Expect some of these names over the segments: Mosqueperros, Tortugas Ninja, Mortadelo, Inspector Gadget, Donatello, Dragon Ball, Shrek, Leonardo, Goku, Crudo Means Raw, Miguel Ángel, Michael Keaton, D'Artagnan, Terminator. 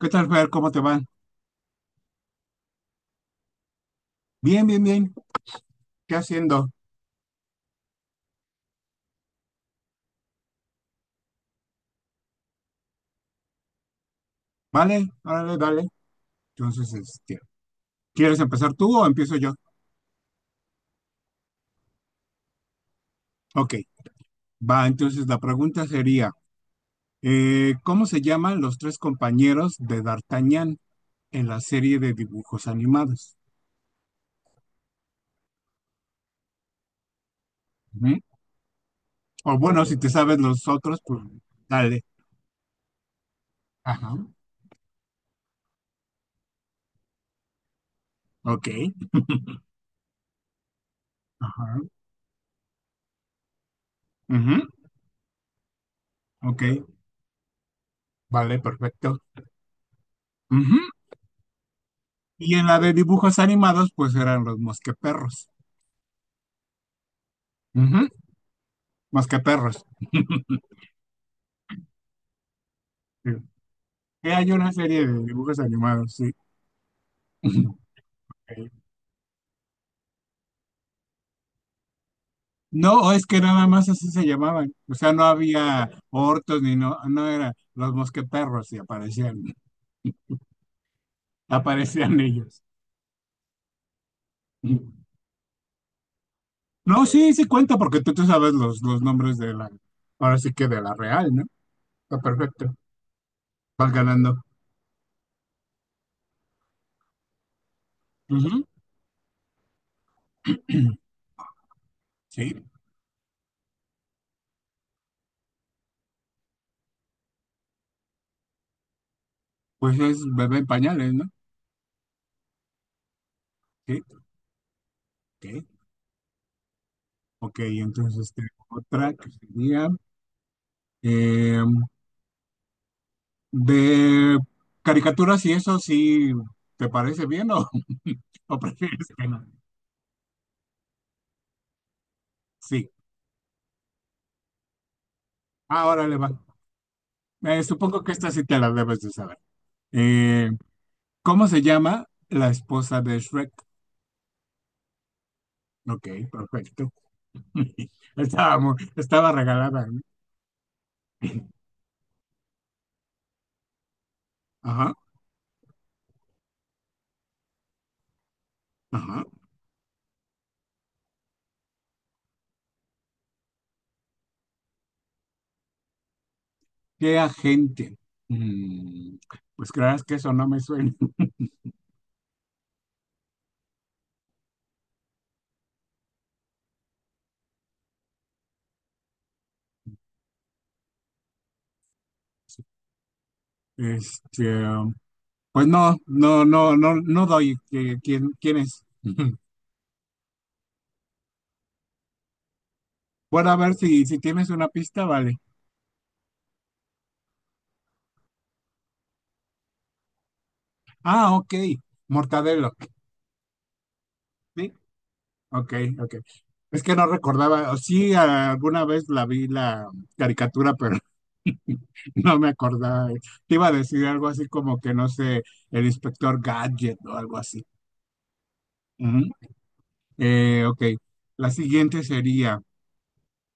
¿Qué tal, Fer? ¿Cómo te van? Bien, bien, bien. ¿Qué haciendo? Vale, dale, dale. Entonces, ¿quieres empezar tú o empiezo yo? Ok, va. Entonces, la pregunta sería, ¿cómo se llaman los tres compañeros de D'Artagnan en la serie de dibujos animados? Ujú. O bueno, si te sabes los otros, pues dale. Ajá. Ok. Ajá. Ujú. Ok, vale, perfecto. Ujú. Y en la de dibujos animados, pues eran los mosqueperros. Ujú, mosqueperros. Sí. Hay una serie de dibujos animados, sí. Ok. No, es que nada más así se llamaban. O sea, no había ortos ni no, no era los mosqueperros y aparecían, aparecían ellos. No, sí, sí cuenta porque tú sabes los nombres de la, ahora sí que de la real, ¿no? Está perfecto. Vas ganando. Ujú. Sí, pues es bebé en pañales, ¿no? Sí, ok. Ok, entonces tengo otra que sería, em, de caricaturas y eso sí, ¿te parece bien o, o prefieres que no? Sí, ahora le va. Supongo que esta sí te la debes de saber. Eh, ¿Cómo se llama la esposa de Shrek? Ok, perfecto. Estaba, estaba regalada, ¿no? Ajá, ajá. ¿Qué agente? Mm, pues creas que eso no me suena. Este, um, pues no, no, no, no, no doy quién, quién es. Bueno, a ver si, si tienes una pista, vale. Ah, ok. Mortadelo. Sí, ok, ok. Es que no recordaba, o sí, alguna vez la vi la caricatura, pero no me acordaba. Te iba a decir algo así como que, no sé, el inspector Gadget o algo así. Ujú. Ok, la siguiente sería,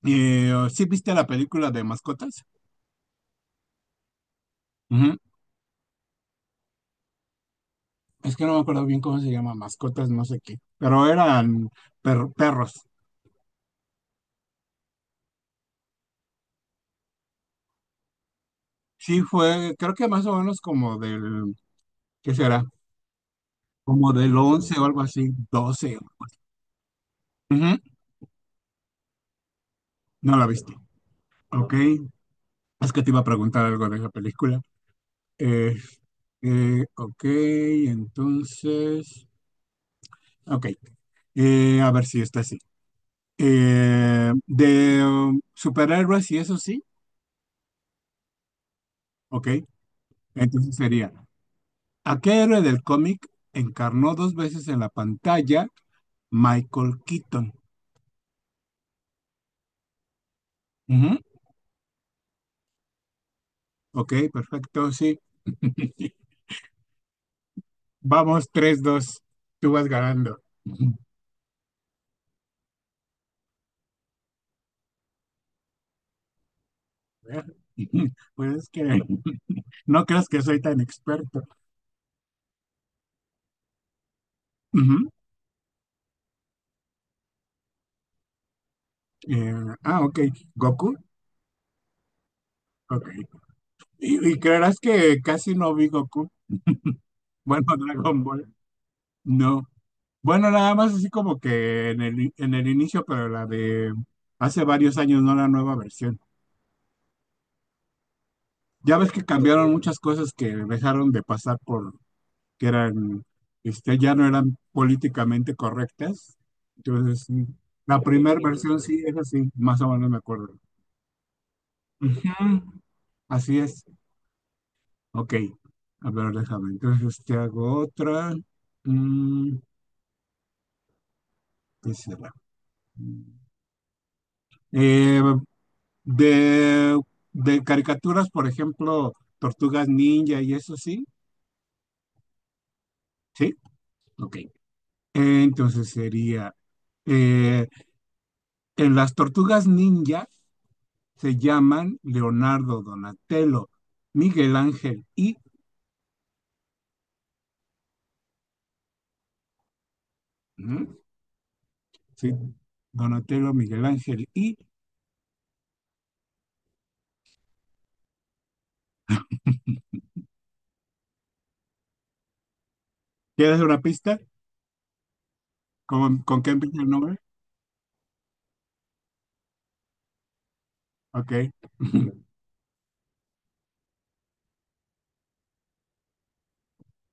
oh, ¿sí viste la película de mascotas? Ujú. Es que no me acuerdo bien cómo se llama, mascotas, no sé qué, pero eran perros. Sí, fue, creo que más o menos como del, ¿qué será? Como del 11 o algo así, doce. Ujú. No la viste. Ok, es que te iba a preguntar algo de la película. Eh, ok, entonces, ok, a ver si está así. De superhéroes y eso sí, ok, entonces sería, ¿a qué héroe del cómic encarnó dos veces en la pantalla Michael Keaton? Ujú. Ok, perfecto, sí. Vamos, tres dos. Tú vas ganando. Pues es que no creas que soy tan experto. Ujú. Eh, ah, ok. Goku. Ok. Y creerás que casi no vi Goku. Bueno, Dragon Ball. No. Bueno, nada más así como que en el inicio, pero la de hace varios años, no la nueva versión. Ya ves que cambiaron muchas cosas que dejaron de pasar por que eran, ya no eran políticamente correctas. Entonces, la primera versión sí es así, más o menos me acuerdo. Ujú, así es. Ok. A ver, déjame. Entonces, te hago otra. Mm, ¿Qué será? Eh, de, de caricaturas, por ejemplo, Tortugas Ninja y eso sí. Sí, ok. Entonces sería, eh, en las Tortugas Ninja se llaman Leonardo, Donatello, Miguel Ángel y, ¿no? Sí, Donatello, Miguel Ángel y, ¿quieres una pista? Con qué empieza el nombre? Ok.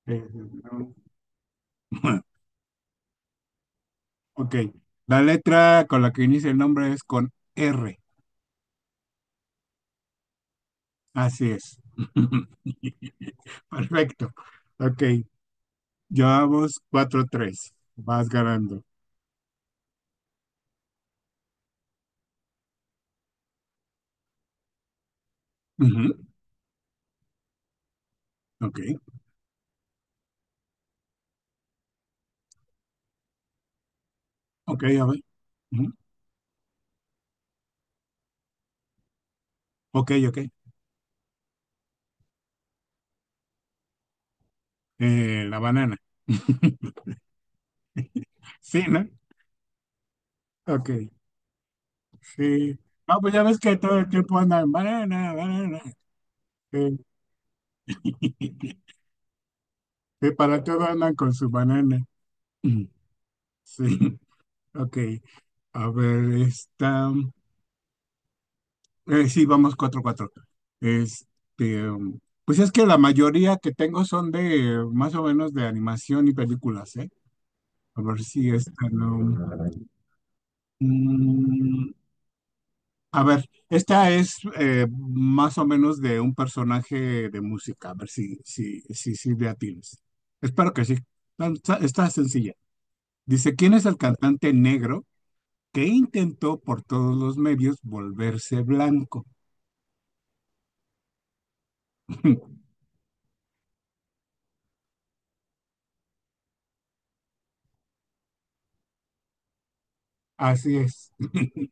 Eh, no. Ok. La letra con la que inicia el nombre es con R. Así es. Perfecto. Ok. Llevamos cuatro tres. Vas ganando. Ujú. Ok. Ok, a ver. Ujú. Ok, ok. La banana. Sí, ¿no? Ok, sí. No, pues ya ves que todo el tiempo andan banana, banana. Sí, sí, para todo andan con su banana. Mm, sí, ok. A ver, esta. Sí, vamos cuatro cuatro. Este, um, pues es que la mayoría que tengo son de más o menos de animación y películas, ¿eh? A ver si esta no. Mm, a ver, esta es más o menos de un personaje de música. A ver si, si, si, si le atinas. Espero que sí. Está, está sencilla. Dice, ¿quién es el cantante negro que intentó por todos los medios volverse blanco? Así es.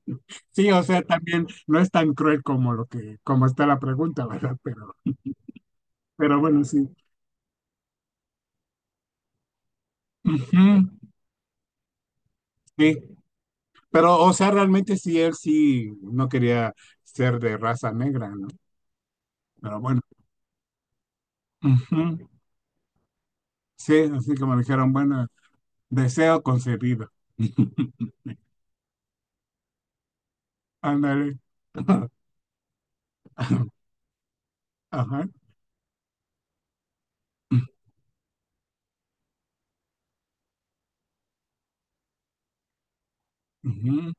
Sí, o sea, también no es tan cruel como lo que, como está la pregunta, ¿verdad? Pero bueno, sí. Ujú, sí. Pero, o sea, realmente sí, él sí no quería ser de raza negra, ¿no? Pero bueno. Ujú. Sí, así como dijeron, bueno, deseo concedido. Ándale. Ajá. Ujú.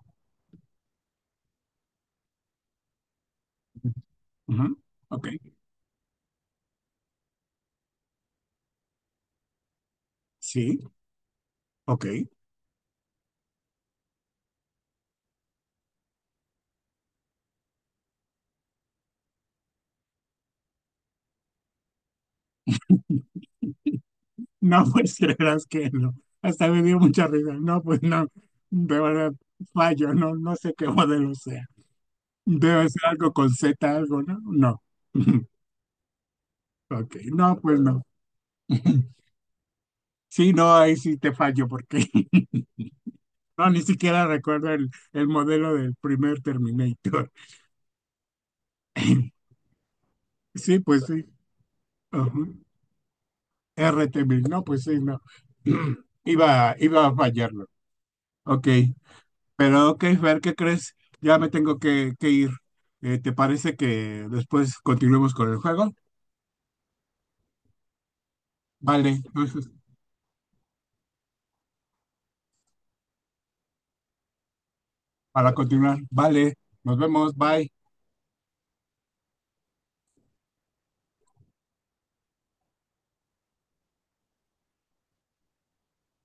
Ujú. Ok, sí, ok. No, pues creerás que no. Hasta me dio mucha risa. No, pues no. De verdad, fallo, no, no sé qué modelo sea. Debe ser algo con Z, algo, ¿no? No. Ok, no, pues no. Sí, no, ahí sí te fallo porque no, ni siquiera recuerdo el modelo del primer Terminator. Sí, pues sí. Ajá. RT Bill, no, pues sí, no. Iba a fallarlo. Ok, pero ok, Fer, ¿qué crees? Ya me tengo que ir. ¿Te parece que después continuemos con el juego? Vale, entonces, para continuar, vale, nos vemos, bye.